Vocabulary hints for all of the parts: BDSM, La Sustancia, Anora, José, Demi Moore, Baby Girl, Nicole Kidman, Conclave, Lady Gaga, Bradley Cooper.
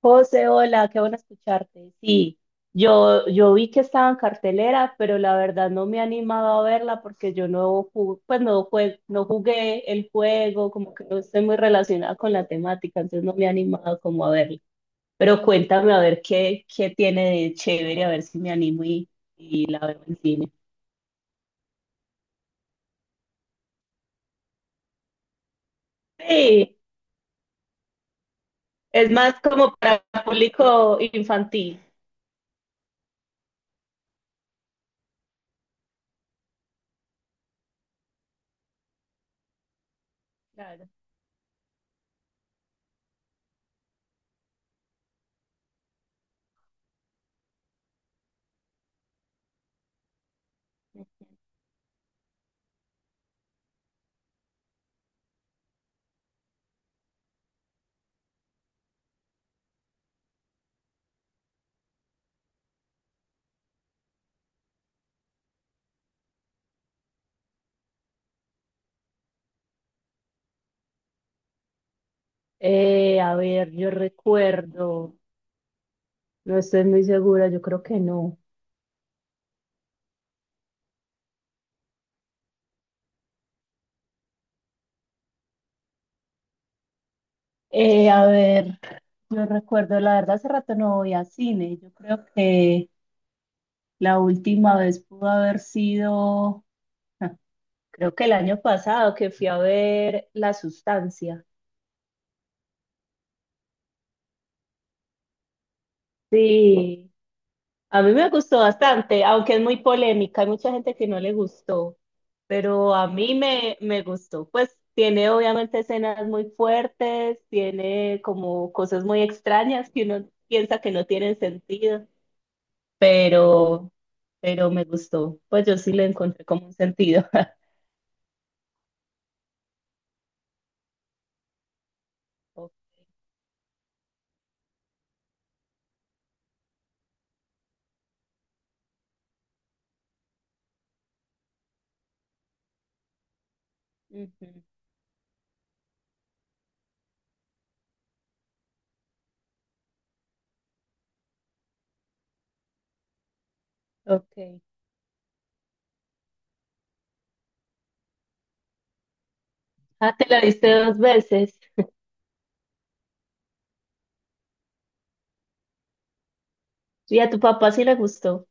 José, hola, qué bueno escucharte. Sí, yo vi que estaba en cartelera, pero la verdad no me he animado a verla porque yo no jugué, pues no jugué el juego, como que no estoy muy relacionada con la temática, entonces no me he animado como a verla. Pero cuéntame a ver qué tiene de chévere, a ver si me animo y la veo en cine. Sí, es más como para público infantil. Claro. A ver, yo recuerdo, no estoy muy segura, yo creo que no. A ver, yo recuerdo, la verdad, hace rato no voy a cine. Yo creo que la última vez pudo haber sido, ah, creo que el año pasado que fui a ver La Sustancia. Sí, a mí me gustó bastante, aunque es muy polémica, hay mucha gente que no le gustó, pero a mí me gustó. Pues tiene obviamente escenas muy fuertes, tiene como cosas muy extrañas que uno piensa que no tienen sentido. pero, pero me gustó. Pues yo sí le encontré como un sentido. Ok. Ujú. Okay. Ah, te la viste dos veces. Y a tu papá sí le gustó.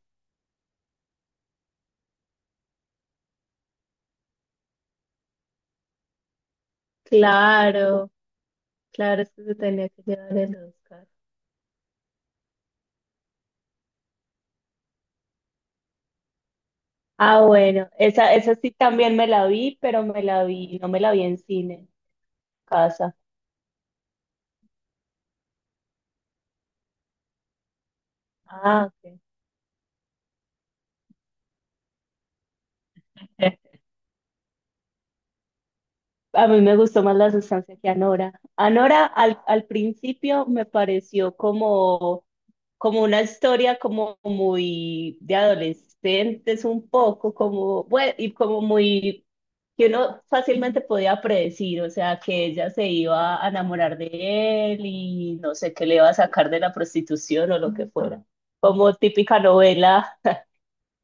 Claro, claro, es que se tenía que llevar el Oscar. Ah, bueno, esa sí también me la vi, pero me la vi, no me la vi en cine, en casa. Ah, ok. A mí me gustó más La Sustancia que Anora. Anora al principio me pareció como una historia como muy de adolescentes, un poco como, bueno, y como muy, que uno fácilmente podía predecir, o sea, que ella se iba a enamorar de él y no sé, qué le iba a sacar de la prostitución o lo que fuera. Como típica novela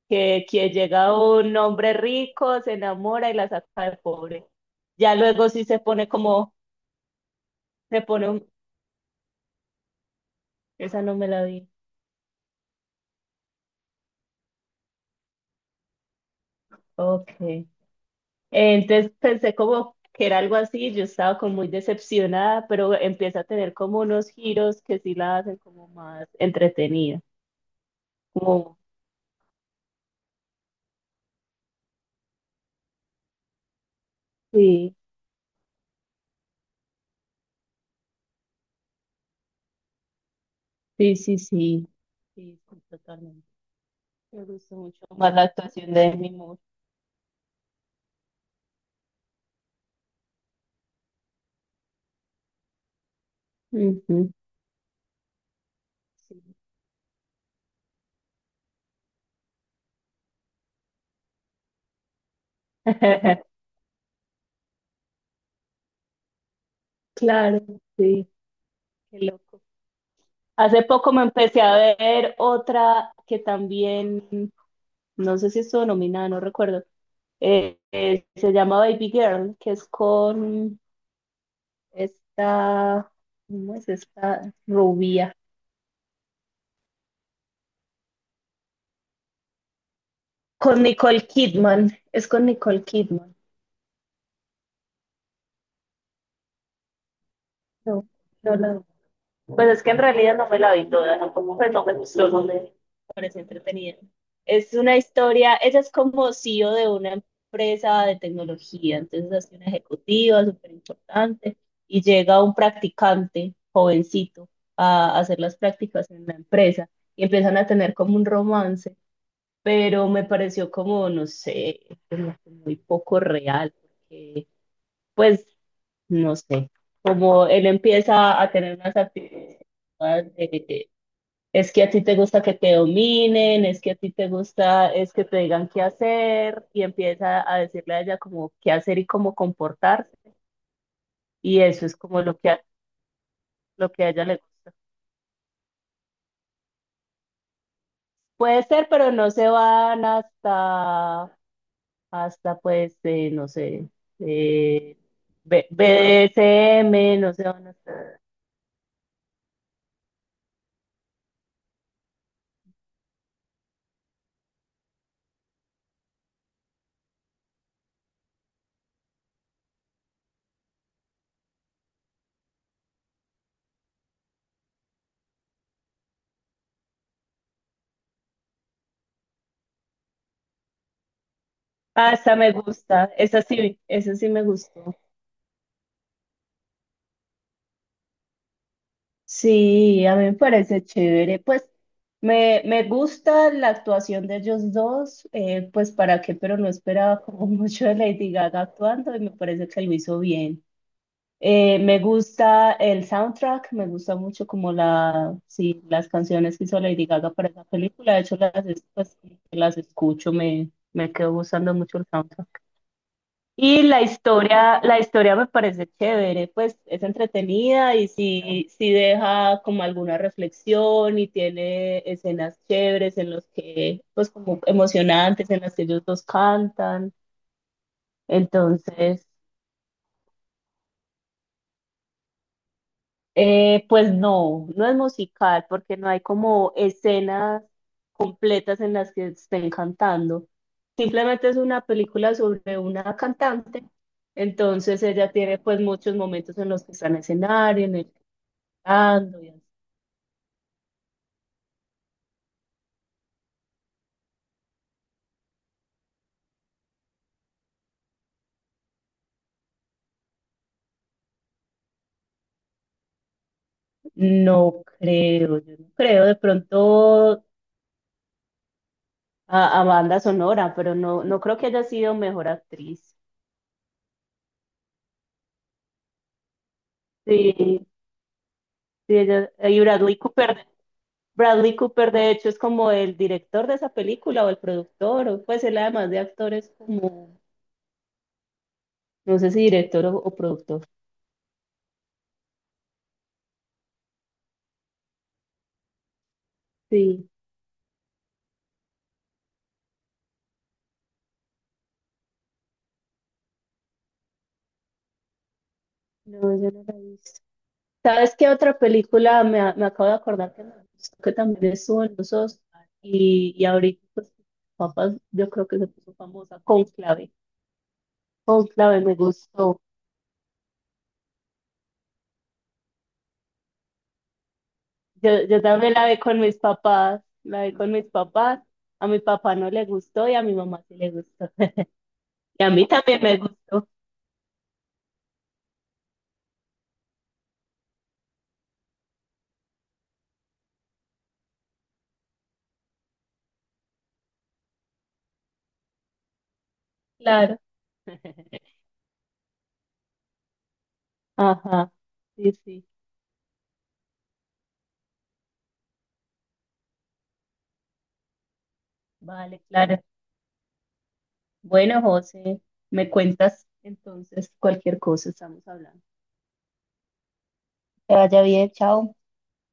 que llega un hombre rico, se enamora y la saca de pobre. Ya luego sí se pone como, se pone esa no me la vi. Ok. Entonces pensé como que era algo así, yo estaba como muy decepcionada, pero empieza a tener como unos giros que sí la hacen como más entretenida. Como, sí, sí, sí, sí, sí, sí, totalmente. Me gustó mucho más la actuación de Demi Moore. Ujú, sí. Claro, sí, qué loco. Hace poco me empecé a ver otra que también, no sé si estuvo nominada, no recuerdo, se llama Baby Girl, que es con... Esta, ¿cómo es esta rubia? Con Nicole Kidman, es con Nicole Kidman. No, no la- pues es que en realidad no me la vi toda, ¿no? Como pues no me gustó, no me pareció entretenida. Es una historia, ella es como CEO de una empresa de tecnología, entonces hace una ejecutiva súper importante y llega un practicante jovencito a hacer las prácticas en la empresa y empiezan a tener como un romance pero me pareció como, no sé, como que muy poco real, porque, pues, no sé, como él empieza a tener unas actitudes de, es que a ti te gusta que te dominen, es que a ti te gusta, es que te digan qué hacer, y empieza a decirle a ella como qué hacer y cómo comportarse, y eso es como lo lo que a ella le gusta. Puede ser, pero no se van hasta pues, eh, BDSM, no sé dónde está. Ah, esta me gusta, esa sí me gustó. Sí, a mí me parece chévere. Pues me gusta la actuación de ellos dos, pues para qué, pero no esperaba como mucho de Lady Gaga actuando y me parece que lo hizo bien. Me gusta el soundtrack, me gusta mucho como sí, las canciones que hizo Lady Gaga para esa película. De hecho, pues, como que las escucho, me quedo gustando mucho el soundtrack. Y la historia me parece chévere, pues es entretenida y sí, sí deja como alguna reflexión y tiene escenas chéveres en los que, pues como emocionantes, en las que ellos dos cantan. Entonces... Pues no, no es musical porque no hay como escenas completas en las que estén cantando. Simplemente es una película sobre una cantante. Entonces ella tiene pues muchos momentos en los que está en escenario, en el que cantando. Y así. No creo, yo no creo de pronto a banda sonora, pero no, no creo que haya sido mejor actriz. Sí, sí, ella, y Bradley Cooper. Bradley Cooper, de hecho, es como el director de esa película o el productor, o pues él además de actor es como, no sé si director o productor. Sí, no, yo no la he visto. ¿Sabes qué otra película me acabo de acordar que me gustó, que también estuvo en los Oscars y ahorita, pues, papas, yo creo que se puso famosa, Conclave. Conclave me gustó. Yo también la vi con mis papás, la vi con mis papás. A mi papá no le gustó y a mi mamá sí le gustó. Y a mí también me gustó. Claro. Ajá. Sí, sí. Vale, claro. Bueno, José, me cuentas entonces cualquier cosa, estamos hablando. Que vaya bien, chao.